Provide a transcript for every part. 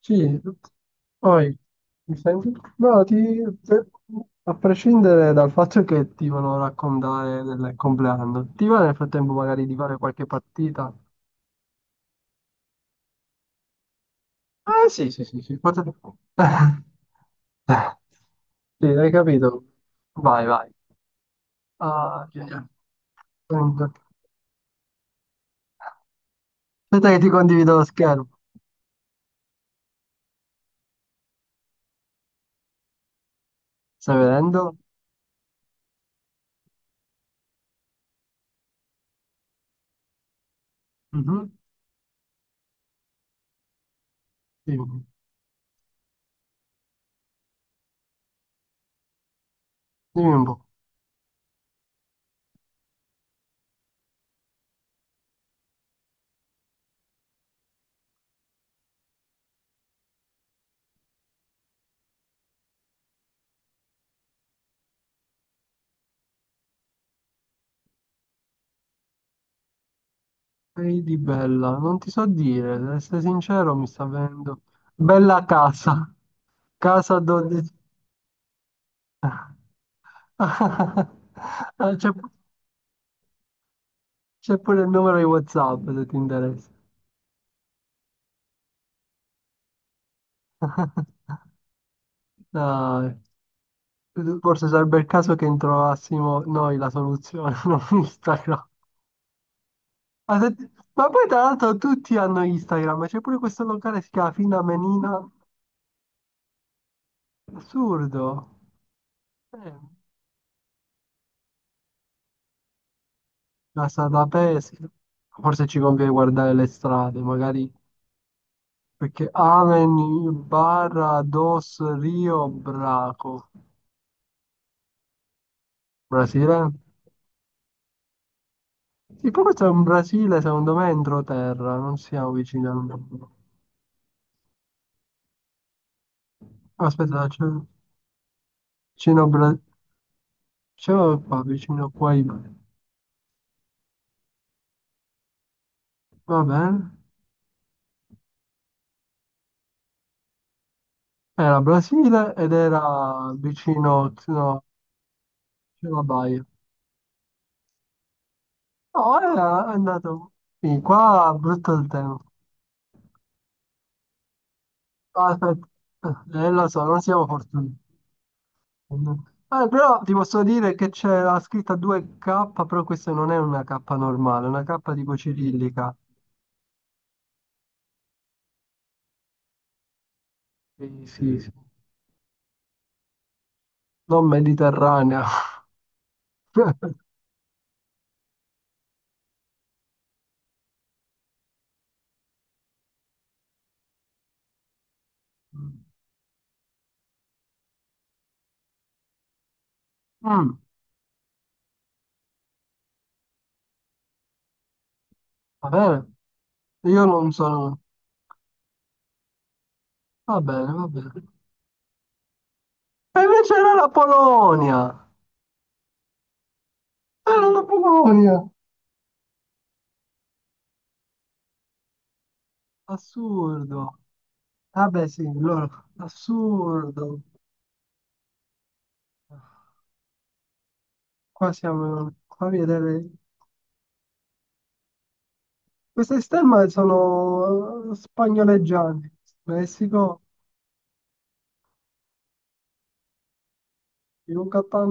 Sì, poi mi senti? No, ti, a prescindere dal fatto che ti volevo raccontare del compleanno, ti va nel frattempo magari di fare qualche partita? Ah, sì, sì, sì, sì, Sì, hai capito? Vai, vai. Ah, via, via. Aspetta che ti condivido lo schermo. Stai vedendo? Mhm. Dimmi, dimmi un po'. Ehi di bella, non ti so dire, ad essere sincero, mi sta venendo. Bella casa, casa 12. Ah, c'è pure il numero di WhatsApp se ti interessa. Dai. Forse sarebbe il caso che trovassimo noi la soluzione, non Instagram. Ma, se- Ma poi tra l'altro tutti hanno Instagram, c'è pure questo locale che si chiama Fina Menina. Assurdo. Eh, Casa da pesca. Forse ci conviene guardare le strade, magari perché Amen, Barra, Dos, Rio, Braco. Brasile? Sì, poi questo è un Brasile, secondo me, entroterra, non siamo vicini al mondo. Aspetta, c'è vicino c'era qua, vicino qua, va bene. Era Brasile ed era vicino, no, c'era la Baia. No, è andato sì, qua, è brutto il tempo. Aspetta, lo so, non siamo fortunati. Ah, però ti posso dire che c'è la scritta 2K, però questa non è una K normale, è una K tipo cirillica. Sì, sì, sì, non mediterranea. Mm, va bene, io non sono... Va bene, va bene. E invece era la Polonia! Era la Polonia! Assurdo. Vabbè, sì, allora, assurdo. Qua siamo... Qua vedere... Queste stemme sono spagnoleggianti. Messico, Yucatan...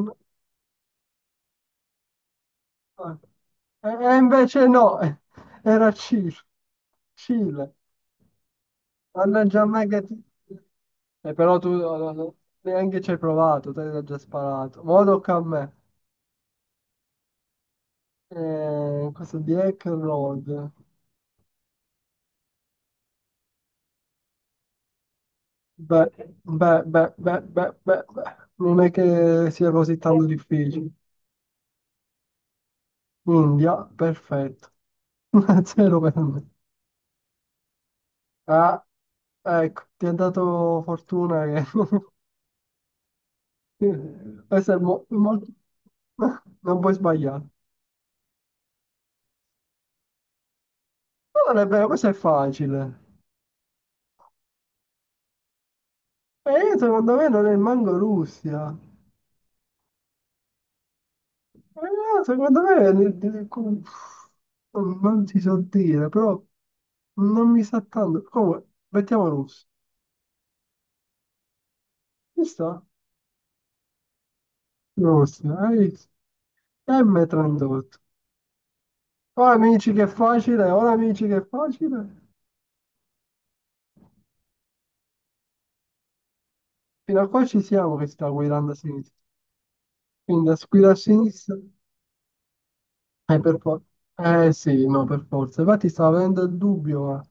eh. E invece no, era Cile. Cile. Mannaggia a me che ti... però tu neanche ci hai provato, te l'hai già sparato. Ora tocca a me. Questo di Hack and Road. Beh, beh, beh, beh, beh, beh, beh. Non è che sia così tanto difficile. India, perfetto. Zero per me. Ah, ecco, ti ha dato fortuna che... questo è molto... Non puoi sbagliare. Ma non è vero, questo è facile. E io secondo me non è manco Russia. Secondo me non ti so dire, però non mi sa tanto. Comunque, mettiamo Russia. Ci sta? Russia, hai visto? M38. Oh amici che facile, oh amici che facile. Fino a qua ci siamo che sta guidando a sinistra. Quindi da guida a sinistra. Per forza. Eh sì, no, per forza. Infatti stavo avendo il dubbio, ma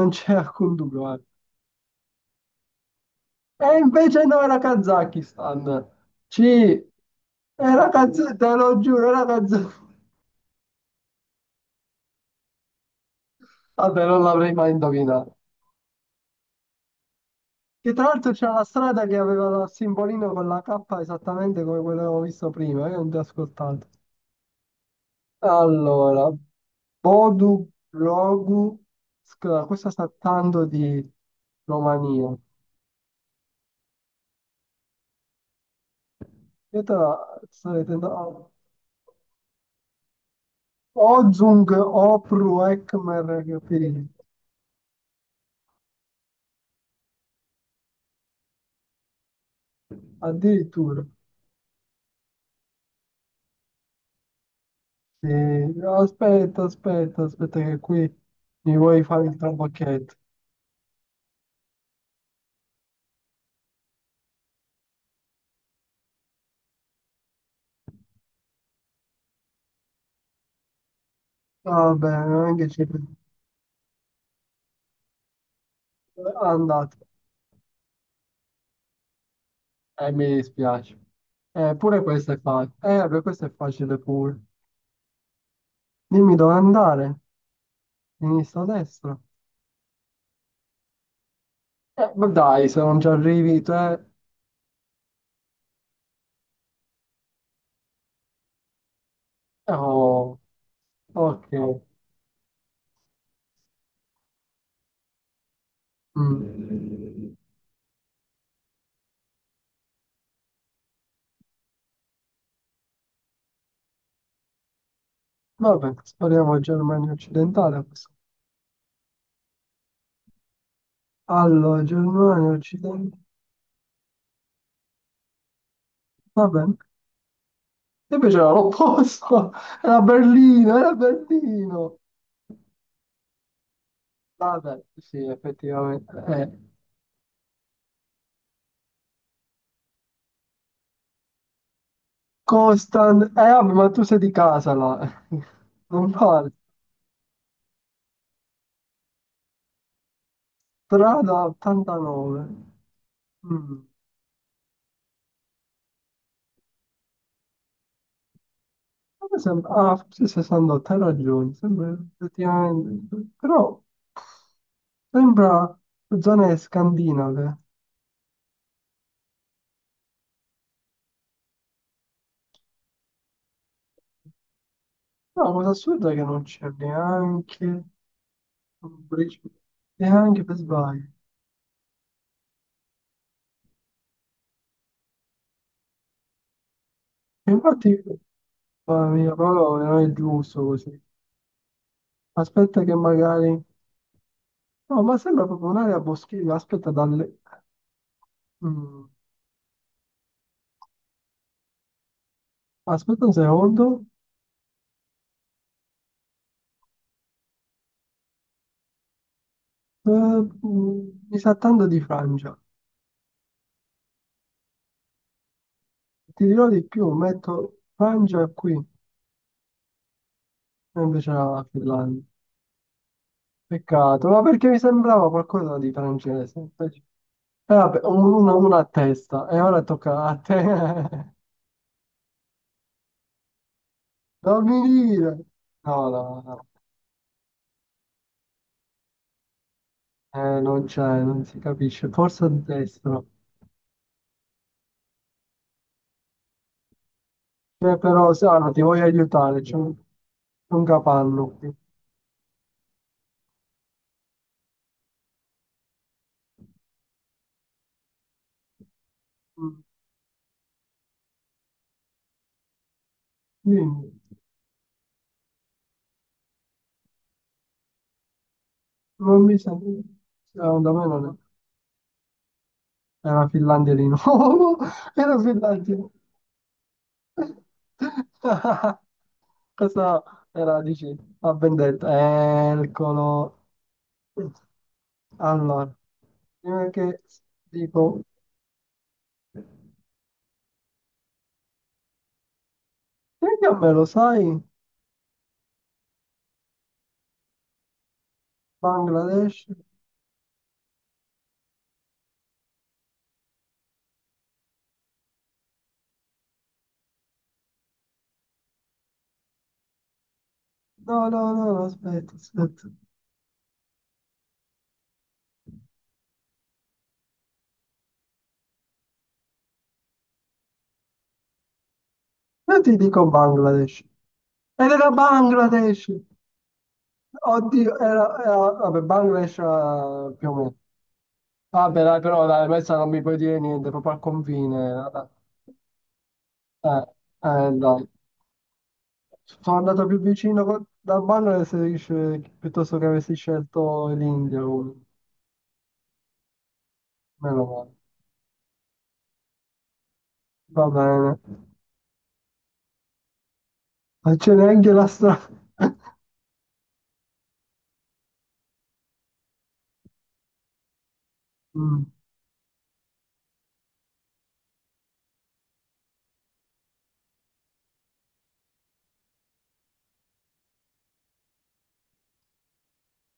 non c'è alcun dubbio, guarda. E invece no, era Kazakistan. C. È la canzone, te lo giuro, è la canzone. Vabbè, non l'avrei mai indovinata. Che tra l'altro c'è una strada che aveva il simbolino con la K esattamente come quello che avevo visto prima, io non ti ho ascoltato. Allora, Bodu Grogu, scusa, questa sta tanto di Romania. Io te la sto vedendo. Ozung Opru Ekmer Gepiri. Addirittura. Sì, aspetta, aspetta, aspetta, che qui mi vuoi fare il trabocchetto. Vabbè, anche ci... Andate. Mi dispiace. Pure questo è facile. Vabbè, questo è facile pure. Dimmi dove andare. Sinistra o destra? Ma dai, se non ci arrivi, te... Oh, ok. Mm. Vabbè, spariamo Germania occidentale a questo. Allora, Germania occidentale. Va bene. E invece era l'opposto. Era Berlino, era Berlino. Vabbè, sì, effettivamente, eh. Constan, eh vabbè, ma tu sei di casa là, non vale, strada 89, mm. A me sembra, ah, forse 68, hai ragione, sembra effettivamente, però sembra zone scandinave, no, la cosa assurda è che non c'è neanche un bridge, neanche per sbaglio. E infatti, mamma mia, però non è giusto così, aspetta che magari, no, ma sembra proprio un'area boschiva, aspetta dalle... mm. Aspetta un secondo. Mi sa tanto di Francia. Ti dirò di più, metto Francia qui, e invece era la Finlandia. Peccato, ma perché mi sembrava qualcosa di francese. Invece... vabbè, una a testa, e ora tocca a te. Dammi dire. No, no, no. Non c'è, non si capisce. Forse a destra. Però, Sara, ti voglio aiutare, un capanno qui. Mm, dimmi, non mi sento... Secondo me non è. Era Finlandia di nuovo, era Finlandia. Questa era, dici, a vendetta. Eccolo. Allora, prima che dico, perché a me lo sai? Bangladesh? No, no, no, no, aspetta, aspetta. Io ti dico Bangladesh. Ed era Bangladesh! Oddio, vabbè, Bangladesh era più o meno. Vabbè, dai, però dai, questa non mi puoi dire niente, proprio al confine. Eh, dai. Sono andato più vicino dal Bangladesh piuttosto che avessi scelto l'India, quindi, meno male. Va bene. Ma c'è neanche la strada. Mm.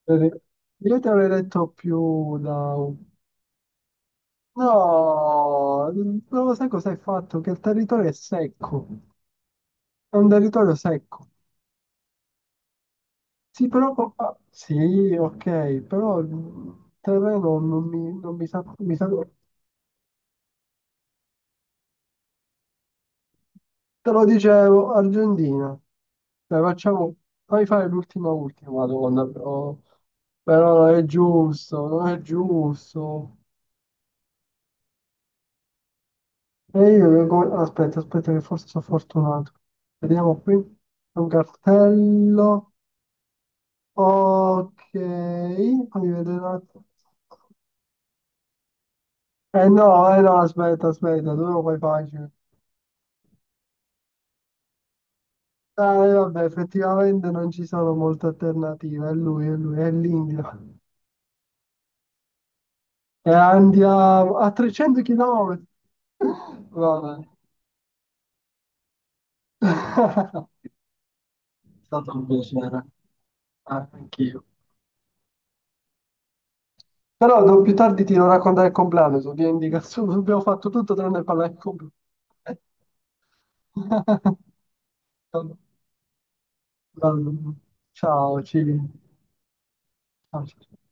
Per- Io ti avrei detto più da... No, non lo sai cosa hai fatto, che il territorio è secco, è un territorio secco. Sì, però... ah, sì, ok, però il terreno non mi sa... Te lo dicevo, Argentina. Dai, facciamo... Fai fare l'ultima ultima domanda, però... Però non è giusto, non è giusto. E io... aspetta, aspetta, che forse sono fortunato. Vediamo qui. C'è un cartello. Ok. Fammi vedere un attimo. Eh no, eh no, aspetta, aspetta, tu lo fai facile. Ah, vabbè, effettivamente non ci sono molte alternative. È lui, è lui, è l'India. E andiamo a 300 km. Vabbè. È stato un piacere. Ah, anch'io. Però più tardi ti devo raccontare il compleanno, so, via indicazione, abbiamo fatto tutto tranne parlare del compleanno. Vabbè. Ciao, ciao, ciao.